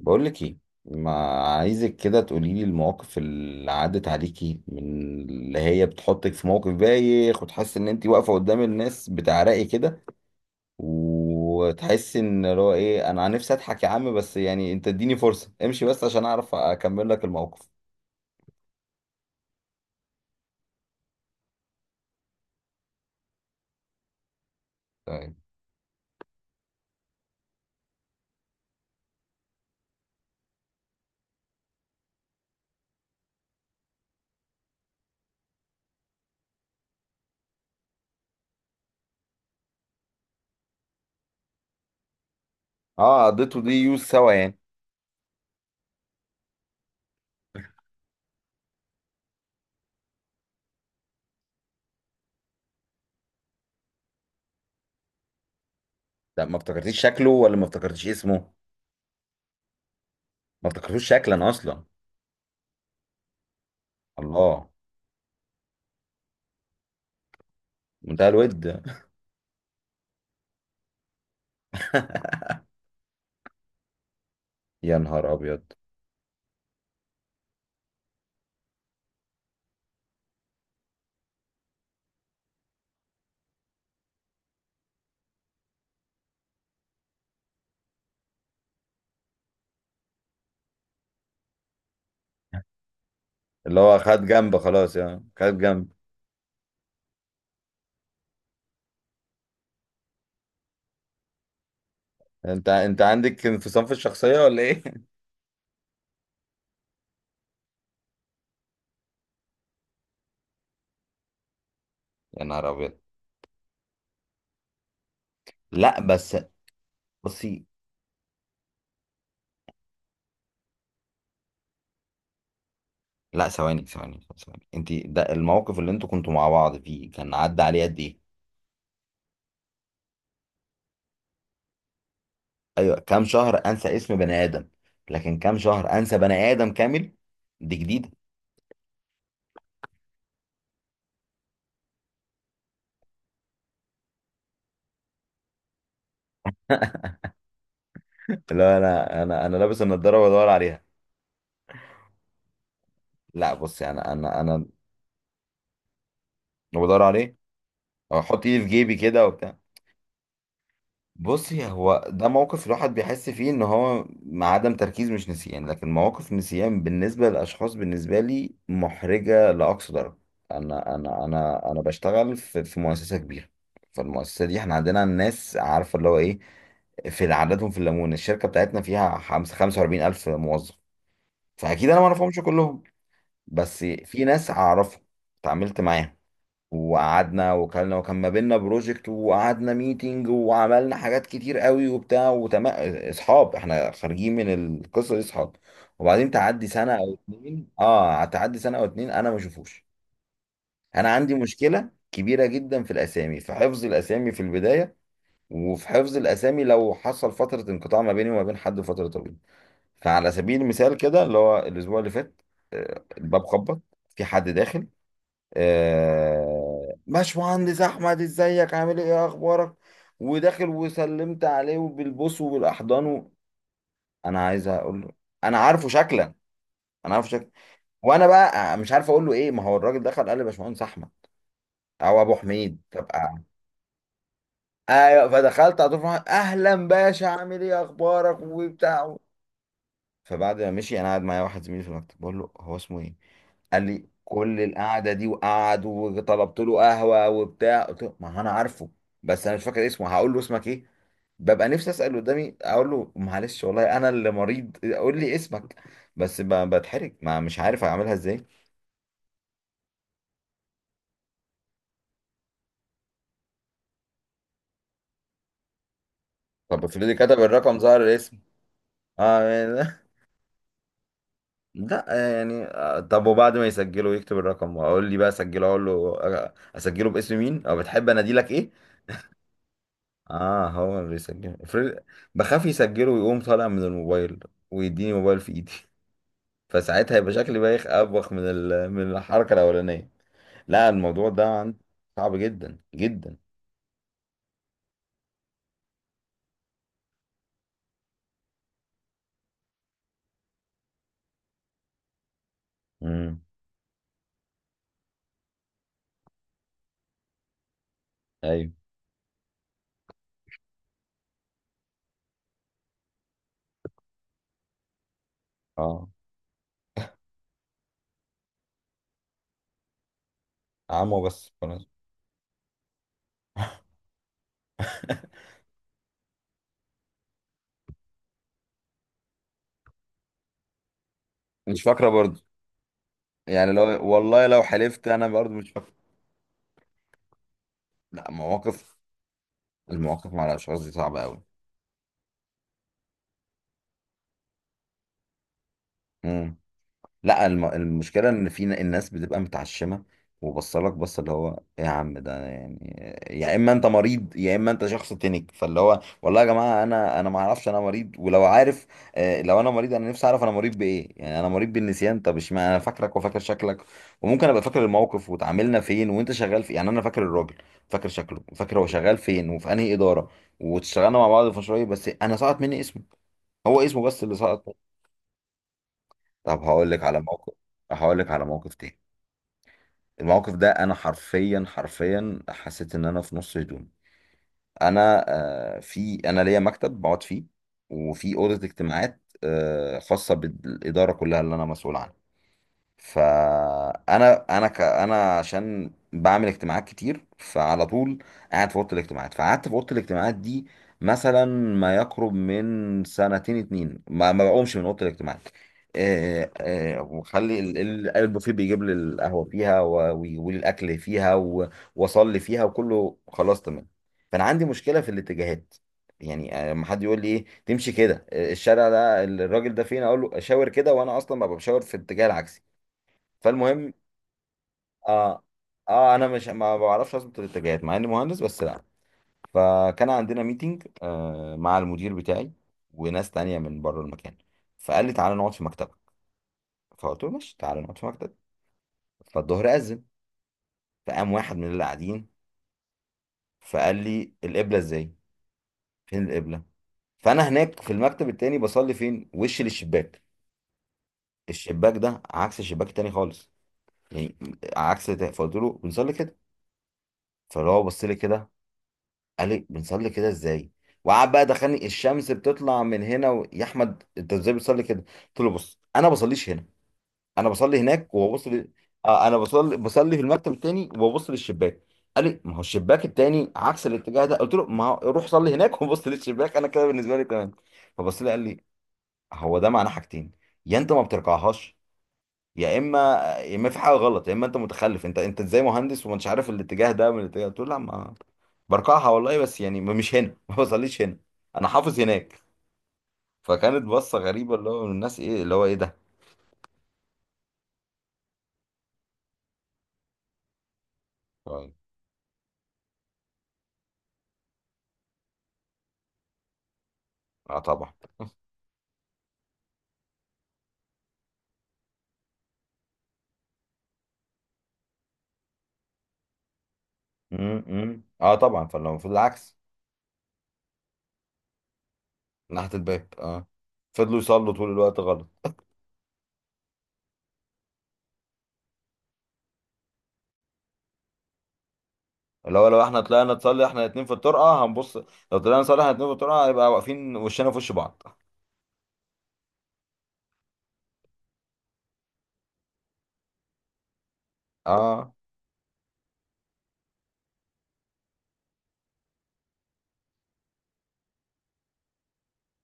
بقول لك ايه؟ ما عايزك كده تقولي لي المواقف اللي عدت عليكي من اللي هي بتحطك في موقف بايخ، وتحسي ان انت واقفه قدام الناس بتعرقي كده، وتحسي ان اللي هو ايه، انا نفسي اضحك يا عم، بس يعني انت اديني فرصه امشي بس عشان اعرف اكمل لك الموقف. تمام. اه، قضيته دي يوز سوا يعني. لا، ما افتكرتيش شكله ولا ما افتكرتيش اسمه. ما افتكرتوش شكلا اصلا. الله. منتهى الود. يا نهار ابيض. اللي هو خد جنب خلاص يعني، خد جنب. انت عندك انفصام في الشخصية ولا ايه؟ يا نهار ابيض. لا بس. بصي. لا، ثواني ثواني ثواني، انت ده الموقف اللي انتوا كنتوا مع بعض فيه كان عدى عليه قد ايه؟ ايوه، كام شهر انسى اسم بني ادم؟ لكن كام شهر انسى بني ادم كامل؟ دي جديده. لا، انا لابس النضارة وبدور عليها. لا بصي، انا بدور عليه. أو احط ايدي في جيبي كده وبتاع. بصي، هو ده موقف الواحد بيحس فيه ان هو مع عدم تركيز مش نسيان، لكن مواقف النسيان بالنسبه للاشخاص بالنسبه لي محرجه لاقصى درجه. انا بشتغل في مؤسسه كبيره. فالمؤسسه دي احنا عندنا الناس عارفه اللي هو ايه. في عددهم في الليمون، الشركه بتاعتنا فيها خمسة وأربعين ألف موظف. فأكيد أنا ما أعرفهمش كلهم، بس في ناس أعرفهم اتعاملت معاهم. وقعدنا وكلنا وكان ما بيننا بروجكت وقعدنا ميتنج وعملنا حاجات كتير قوي وبتاع وتمام. اصحاب، احنا خارجين من القصه دي اصحاب. وبعدين تعدي سنه او اتنين، تعدي سنه او اتنين انا ما اشوفوش. انا عندي مشكله كبيره جدا في الاسامي، في حفظ الاسامي في البدايه، وفي حفظ الاسامي لو حصل فتره انقطاع ما بيني وما بين حد فتره طويله. فعلى سبيل المثال كده، اللي هو الاسبوع اللي فات الباب خبط، في حد داخل. باشمهندس احمد، ازيك عامل ايه، إيه اخبارك. وداخل وسلمت عليه وبالبوس وبالاحضان انا عايز اقول له انا عارفه شكلا، انا عارفه شكلا. وانا بقى مش عارف اقول له ايه، ما هو الراجل دخل قال لي باشمهندس احمد او ابو حميد، طب ايوه، فدخلت على طول فرحان، اهلا باشا عامل ايه اخبارك وبتاع. فبعد ما مشي انا قاعد معايا واحد زميلي في المكتب بقول له هو اسمه ايه؟ قال لي كل القعده دي وقعد وطلبت له قهوه وبتاع، قلت له ما هو انا عارفه، بس انا مش فاكر اسمه. هقول له اسمك ايه؟ ببقى نفسي اسال قدامي اقول له معلش والله انا اللي مريض قول لي اسمك. بس بتحرج، ما مش عارف اعملها ازاي. طب افرضي كتب الرقم ظهر الاسم؟ اه يعني- لا. يعني طب وبعد ما يسجله يكتب الرقم واقول لي بقى اسجله، اقول له اسجله باسم مين او بتحب اناديلك ايه؟ اه، هو اللي بيسجل افرض. بخاف يسجله ويقوم طالع من الموبايل ويديني موبايل في ايدي. فساعتها هيبقى شكلي بايخ ابوخ من الحركه الاولانيه. لا، الموضوع ده صعب جدا جدا. امم. ايوه. اه. عمو بس خلاص. مش فاكره برضه. يعني لو والله لو حلفت انا برضه مش فاكره. لا، مواقف. المواقف مع الاشخاص دي صعبه قوي. لا، المشكله ان في الناس بتبقى متعشمه. وبصلك بص اللي هو إيه يا عم ده يعني. يا اما انت مريض يا اما انت شخص تنك، فاللي هو والله يا جماعه انا ما اعرفش انا مريض، ولو عارف لو انا مريض انا نفسي اعرف انا مريض بايه. يعني انا مريض بالنسيان، طب اشمعنى انا فاكرك وفاكر شكلك وممكن ابقى فاكر الموقف وتعاملنا فين وانت شغال في، يعني انا فاكر الراجل، فاكر شكله وفاكر هو شغال فين وفي انهي اداره، واشتغلنا مع بعض في مشروع بس انا سقط مني اسمه، هو اسمه بس اللي سقط. طب هقول لك على موقف. هقول لك على موقف تاني. الموقف ده انا حرفيا حرفيا حسيت ان انا في نص هدوم. انا في، انا ليا مكتب بقعد فيه، وفي اوضه اجتماعات خاصه بالاداره كلها اللي انا مسؤول عنها. فانا انا ك... انا عشان بعمل اجتماعات كتير فعلى طول قاعد في اوضه الاجتماعات. فقعدت في اوضه الاجتماعات دي مثلا ما يقرب من سنتين اتنين، ما بقومش من اوضه الاجتماعات. وخلي البوفيه بيجيب لي القهوه فيها ويقول لي الاكل فيها واصلي فيها وكله خلاص تمام. فانا عندي مشكله في الاتجاهات. يعني لما حد يقول لي ايه تمشي كده، الشارع ده الراجل ده فين، اقول له اشاور كده وانا اصلا ببقى بشاور في الاتجاه العكسي. فالمهم. اه اه انا مش ما بعرفش اظبط الاتجاهات مع اني مهندس، بس لا. فكان عندنا ميتنج مع المدير بتاعي وناس تانية من بره المكان. فقال لي تعالى نقعد في مكتبك، فقلت له ماشي تعالى نقعد في مكتب. فالظهر أذن. فقام واحد من اللي قاعدين فقال لي القبلة ازاي؟ فين القبلة؟ فانا هناك في المكتب التاني بصلي فين، وش للشباك. الشباك ده عكس الشباك التاني خالص يعني، عكس ده، فقلت له بنصلي كده. فاللي هو بص لي كده قال لي بنصلي كده ازاي؟ وقعد بقى دخلني الشمس بتطلع من هنا يا احمد انت ازاي بتصلي كده؟ قلت له بص انا بصليش هنا، انا بصلي هناك وببص انا بصلي في المكتب التاني وببص للشباك. قال لي ما هو الشباك التاني عكس الاتجاه ده، قلت له ما هو روح صلي هناك وبص للشباك، انا كده بالنسبه لي تمام. فبص لي قال لي هو ده معناه حاجتين، يا انت ما بترجعهاش يا اما يا اما في حاجه غلط يا اما انت متخلف، انت ازاي مهندس ومش عارف الاتجاه ده من الاتجاه ده؟ قلت له لا، ما برقعها والله، بس يعني مش هنا ما بصليش هنا انا حافظ هناك. فكانت بصه غريبه اللي هو من الناس ايه اللي هو ايه ده. طيب. اه طبعا. امم. اه طبعا، فلو المفروض العكس. ناحيه الباب اه. فضلوا يصلوا طول الوقت غلط. اللي هو لو احنا طلعنا نصلي احنا الاتنين في الطرقه هنبص، لو طلعنا نصلي احنا الاتنين في الطرقه هيبقى واقفين وشنا في وش بعض. اه.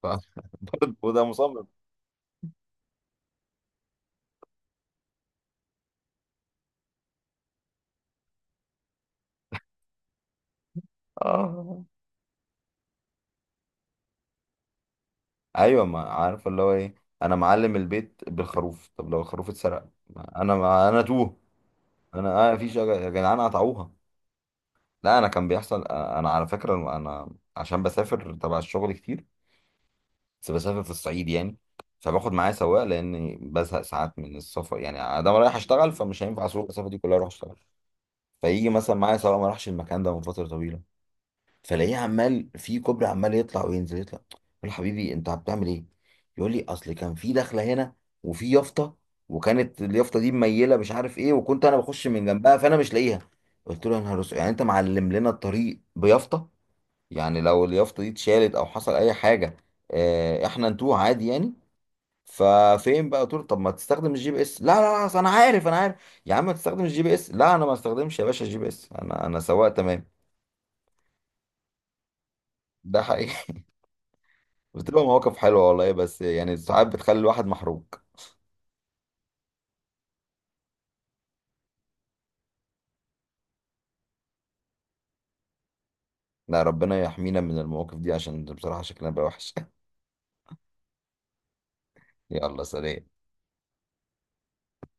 ف- وده مصمم. اه، ايوه، ما عارف اللي هو ايه. انا معلم البيت بالخروف، طب لو الخروف اتسرق انا ما انا توه. انا في شجر يا جدعان قطعوها. لا انا كان بيحصل، انا على فكره انا عشان بسافر تبع الشغل كتير، بس بسافر في الصعيد يعني. فباخد معايا سواق لاني بزهق ساعات من السفر، يعني انا رايح اشتغل فمش هينفع اسوق المسافه دي كلها اروح اشتغل. فيجي مثلا معايا سواق ما راحش المكان ده من فتره طويله، فلاقيه عمال في كوبري عمال يطلع وينزل يطلع، اقول له حبيبي انت بتعمل ايه؟ يقول لي اصل كان في دخله هنا وفي يافطه، وكانت اليافطه دي مميله مش عارف ايه وكنت انا بخش من جنبها فانا مش لاقيها. قلت له يا نهار اسود، يعني انت معلم لنا الطريق بيافطه؟ يعني لو اليافطه دي اتشالت او حصل اي حاجه اه احنا نتوه عادي يعني. ففين بقى قلت له طب ما تستخدم الـGPS؟ لا لا لا، انا عارف انا عارف يا عم، ما تستخدمش الـGPS، لا انا ما استخدمش يا باشا الـGPS، انا سواق تمام. ده حقيقي. بتبقى مواقف حلوة والله، بس يعني ساعات بتخلي الواحد محروق. لا، ربنا يحمينا من المواقف دي عشان بصراحة شكلنا بقى وحش. يلا سلام.